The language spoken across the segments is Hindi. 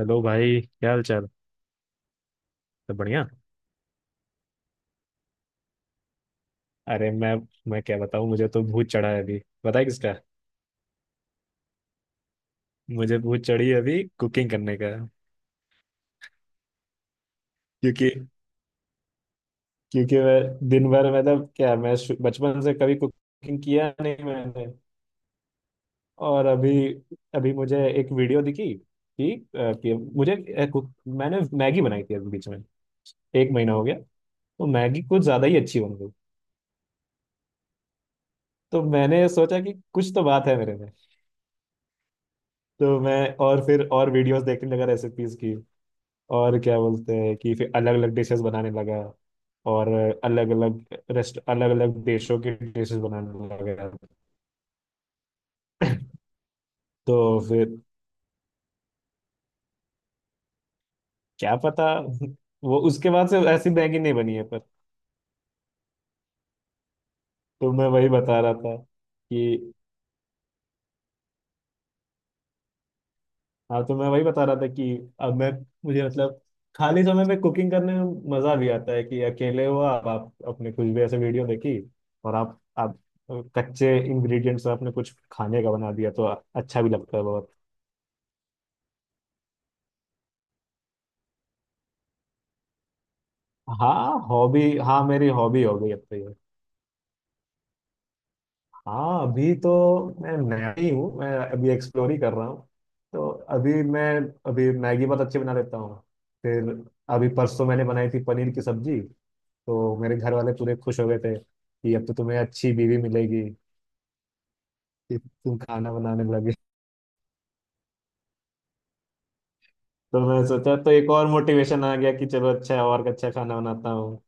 हेलो भाई। क्या हाल चाल? सब बढ़िया। अरे मैं क्या बताऊं, मुझे तो भूत चढ़ा है अभी। पता है किसका? मुझे भूत चढ़ी है अभी कुकिंग करने का। क्योंकि क्योंकि मैं दिन भर, मतलब क्या, मैं बचपन से कभी कुकिंग किया नहीं मैंने। और अभी अभी मुझे एक वीडियो दिखी कि मुझे अ, कुक- मैंने मैगी बनाई थी अभी बीच में, 1 महीना हो गया। तो मैगी कुछ ज्यादा ही अच्छी बन गई। तो मैंने सोचा कि कुछ तो बात है मेरे में। तो मैं और फिर और वीडियोस देखने लगा रेसिपीज की। और क्या बोलते हैं कि फिर अलग अलग डिशेस बनाने लगा। और अलग अलग रेस्ट अलग अलग देशों के डिशेस बनाने लगा। तो फिर क्या पता, वो उसके बाद से ऐसी मैगी नहीं बनी है पर। तो मैं वही बता रहा था कि हाँ, तो मैं वही बता रहा था कि अब मैं मुझे, मतलब खाली समय में कुकिंग करने में मजा भी आता है कि अकेले हो आप अपने कुछ भी ऐसे वीडियो देखी, और आप कच्चे इंग्रेडिएंट्स से आपने कुछ खाने का बना दिया तो अच्छा भी लगता है बहुत। हाँ हॉबी, हाँ, मेरी हॉबी हो गई अब तो ये। हाँ, अभी तो मैं नया ही हूँ, मैं अभी एक्सप्लोर ही कर रहा हूँ। तो अभी मैं अभी मैगी बहुत अच्छी बना लेता हूँ। फिर, अभी परसों मैंने बनाई थी पनीर की सब्जी। तो मेरे घर वाले पूरे खुश हो गए थे कि अब तो तुम्हें अच्छी बीवी मिलेगी, कि तुम खाना बनाने लगे। तो मैं सोचा तो एक और मोटिवेशन आ गया कि चलो अच्छा है, और अच्छा खाना बनाता हूँ।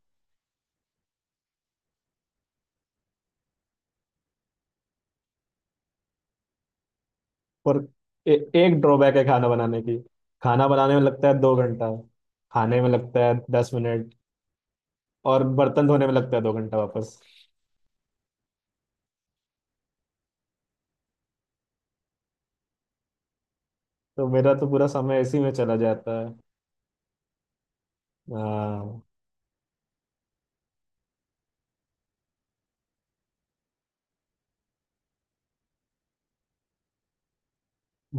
पर एक ड्रॉबैक है खाना बनाने की। खाना बनाने में लगता है 2 घंटा, खाने में लगता है 10 मिनट, और बर्तन धोने में लगता है 2 घंटा वापस। तो मेरा तो पूरा समय इसी में चला जाता है। हाँ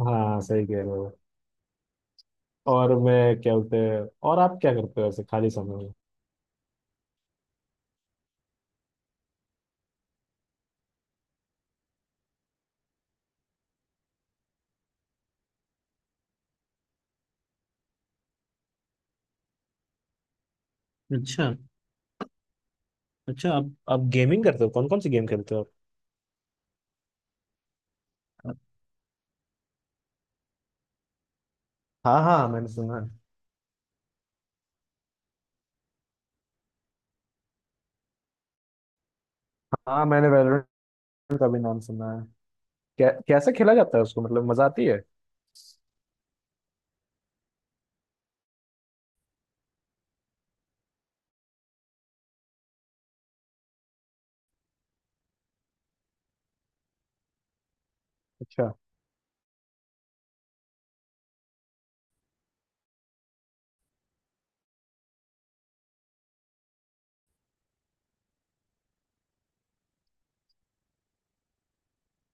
हाँ, सही कह रहे हो। और मैं क्या बोलते हैं, और आप क्या करते हो ऐसे खाली समय में? अच्छा अच्छा, आप गेमिंग करते हो? कौन कौन सी गेम खेलते हो आप? हाँ हाँ, मैंने सुना है। हाँ, मैंने वैलोरेंट का भी नाम सुना है। कैसे खेला जाता है उसको, मतलब मजा आती है? अच्छा।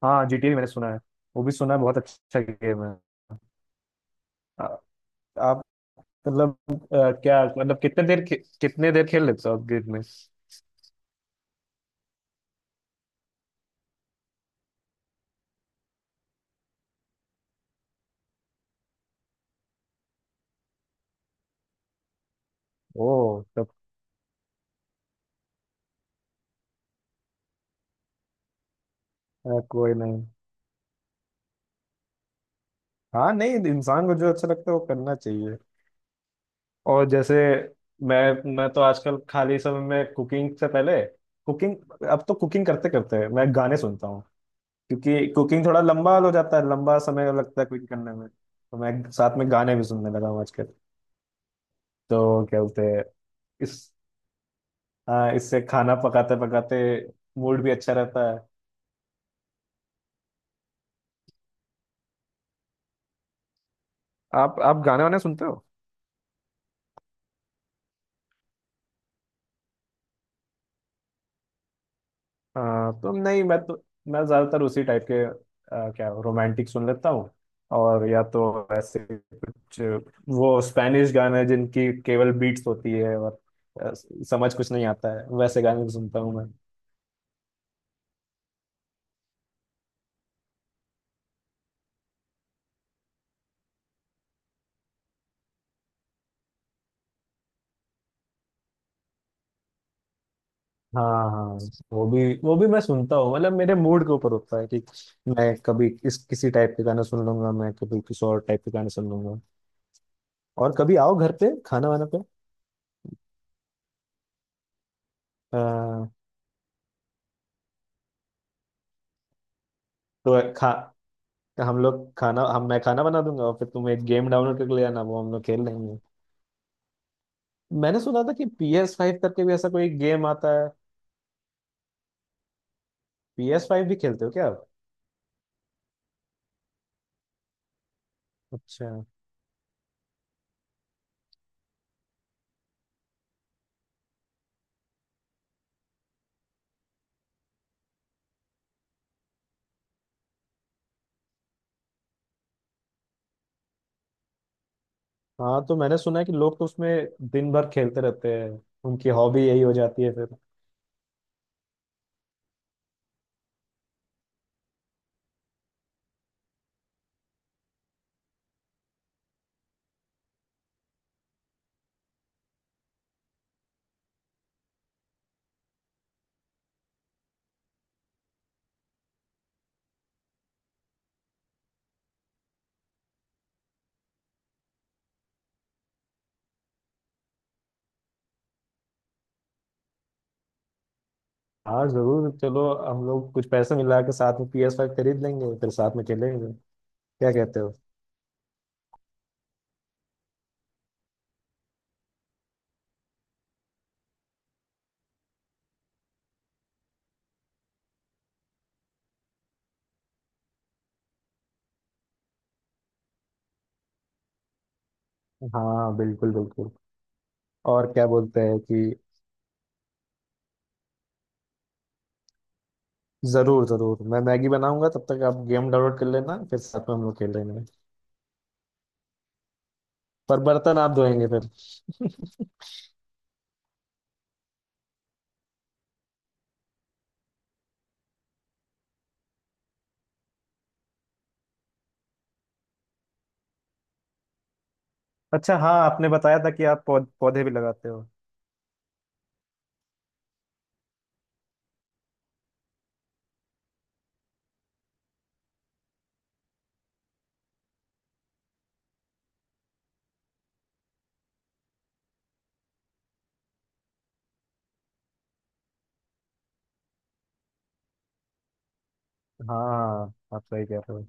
हाँ, जीटीए मैंने सुना है, वो भी सुना है, बहुत अच्छा गेम है। आ- आप, मतलब, क्या मतलब कितने देर खेल लेते हो आप गेम में? ओ तब। कोई नहीं। हाँ नहीं, इंसान को जो अच्छा लगता है वो करना चाहिए। और जैसे मैं तो आजकल खाली समय में कुकिंग से पहले कुकिंग, अब तो कुकिंग करते करते मैं गाने सुनता हूँ। क्योंकि कुकिंग थोड़ा लंबा हो जाता है, लंबा समय लगता है कुकिंग करने में, तो मैं साथ में गाने भी सुनने लगा हूँ आजकल। तो क्या बोलते हैं इस। हाँ, इससे खाना पकाते पकाते मूड भी अच्छा रहता है। आप गाने वाने सुनते हो? हाँ तो नहीं, मैं तो, मैं ज्यादातर उसी टाइप के क्या रोमांटिक सुन लेता हूँ। और या तो ऐसे कुछ वो स्पेनिश गाने जिनकी केवल बीट्स होती है, और आ, समझ कुछ नहीं आता है, वैसे गाने भी सुनता हूँ मैं। हाँ हाँ, वो भी मैं सुनता हूँ, मतलब मेरे मूड के ऊपर होता है कि मैं कभी इस किसी टाइप के गाना सुन लूंगा, मैं कभी किसी और टाइप के गाने सुन लूंगा। और कभी आओ घर पे खाना वाना पे। हाँ, तो खा हम लोग खाना, हम मैं खाना बना दूंगा और फिर तुम एक गेम डाउनलोड करके ले आना, वो हम लोग खेल लेंगे। मैंने सुना था कि PS5 करके भी ऐसा कोई गेम आता है। PS5 भी खेलते हो क्या आप? अच्छा। हाँ तो मैंने सुना है कि लोग तो उसमें दिन भर खेलते रहते हैं, उनकी हॉबी यही हो जाती है फिर। हाँ जरूर, चलो हम लोग कुछ पैसे मिला के साथ में PS5 खरीद लेंगे फिर साथ में खेलेंगे। क्या कहते हो? हाँ बिल्कुल बिल्कुल। और क्या बोलते हैं कि, जरूर जरूर मैं मैगी बनाऊंगा, तब तक आप गेम डाउनलोड कर लेना, फिर साथ में हम लोग खेल लेंगे। पर बर्तन आप धोएंगे फिर? अच्छा हाँ, आपने बताया था कि आप पौधे भी लगाते हो। हाँ आप सही कह रहे हो।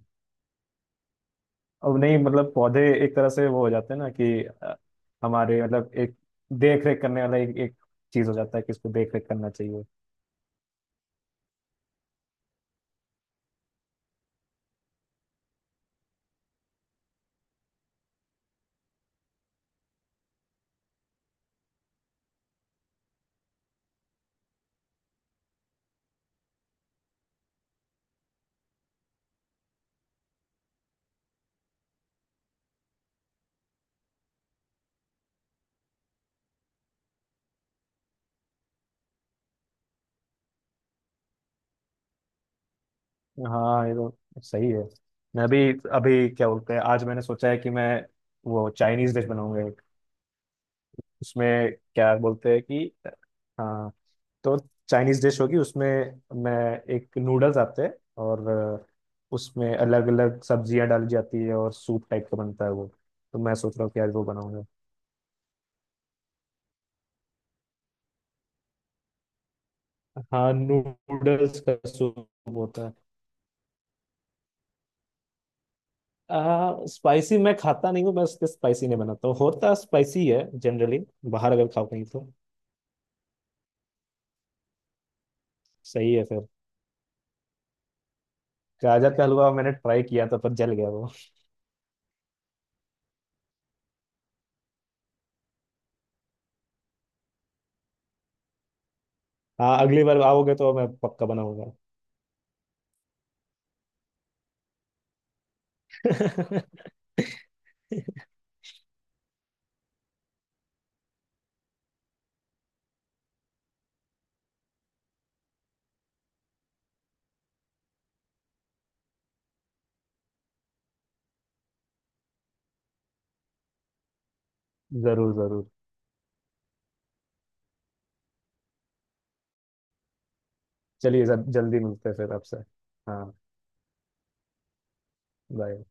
अब नहीं, मतलब पौधे एक तरह से वो हो जाते हैं ना कि हमारे, मतलब एक देख रेख करने वाला एक चीज हो जाता है कि इसको देख रेख करना चाहिए। हाँ ये तो सही है। मैं भी अभी क्या बोलते हैं, आज मैंने सोचा है कि मैं वो चाइनीज डिश बनाऊंगा। उसमें क्या बोलते हैं कि, हाँ, तो चाइनीज डिश होगी उसमें। मैं एक नूडल्स आते हैं, और उसमें अलग अलग सब्जियां डाली जाती है और सूप टाइप का बनता है वो। तो मैं सोच रहा हूँ कि आज वो बनाऊंगा। हाँ, नूडल्स का सूप होता है। स्पाइसी मैं खाता नहीं हूँ, मैं उसके स्पाइसी नहीं बनाता हूँ, होता स्पाइसी है जनरली। बाहर अगर खाओ कहीं तो। सही है फिर। गाजर का हलवा मैंने ट्राई किया था पर जल गया वो। हाँ, अगली बार आओगे तो मैं पक्का बनाऊंगा। जरूर जरूर। चलिए, जब जल्दी मिलते हैं फिर आपसे। हाँ। बाय।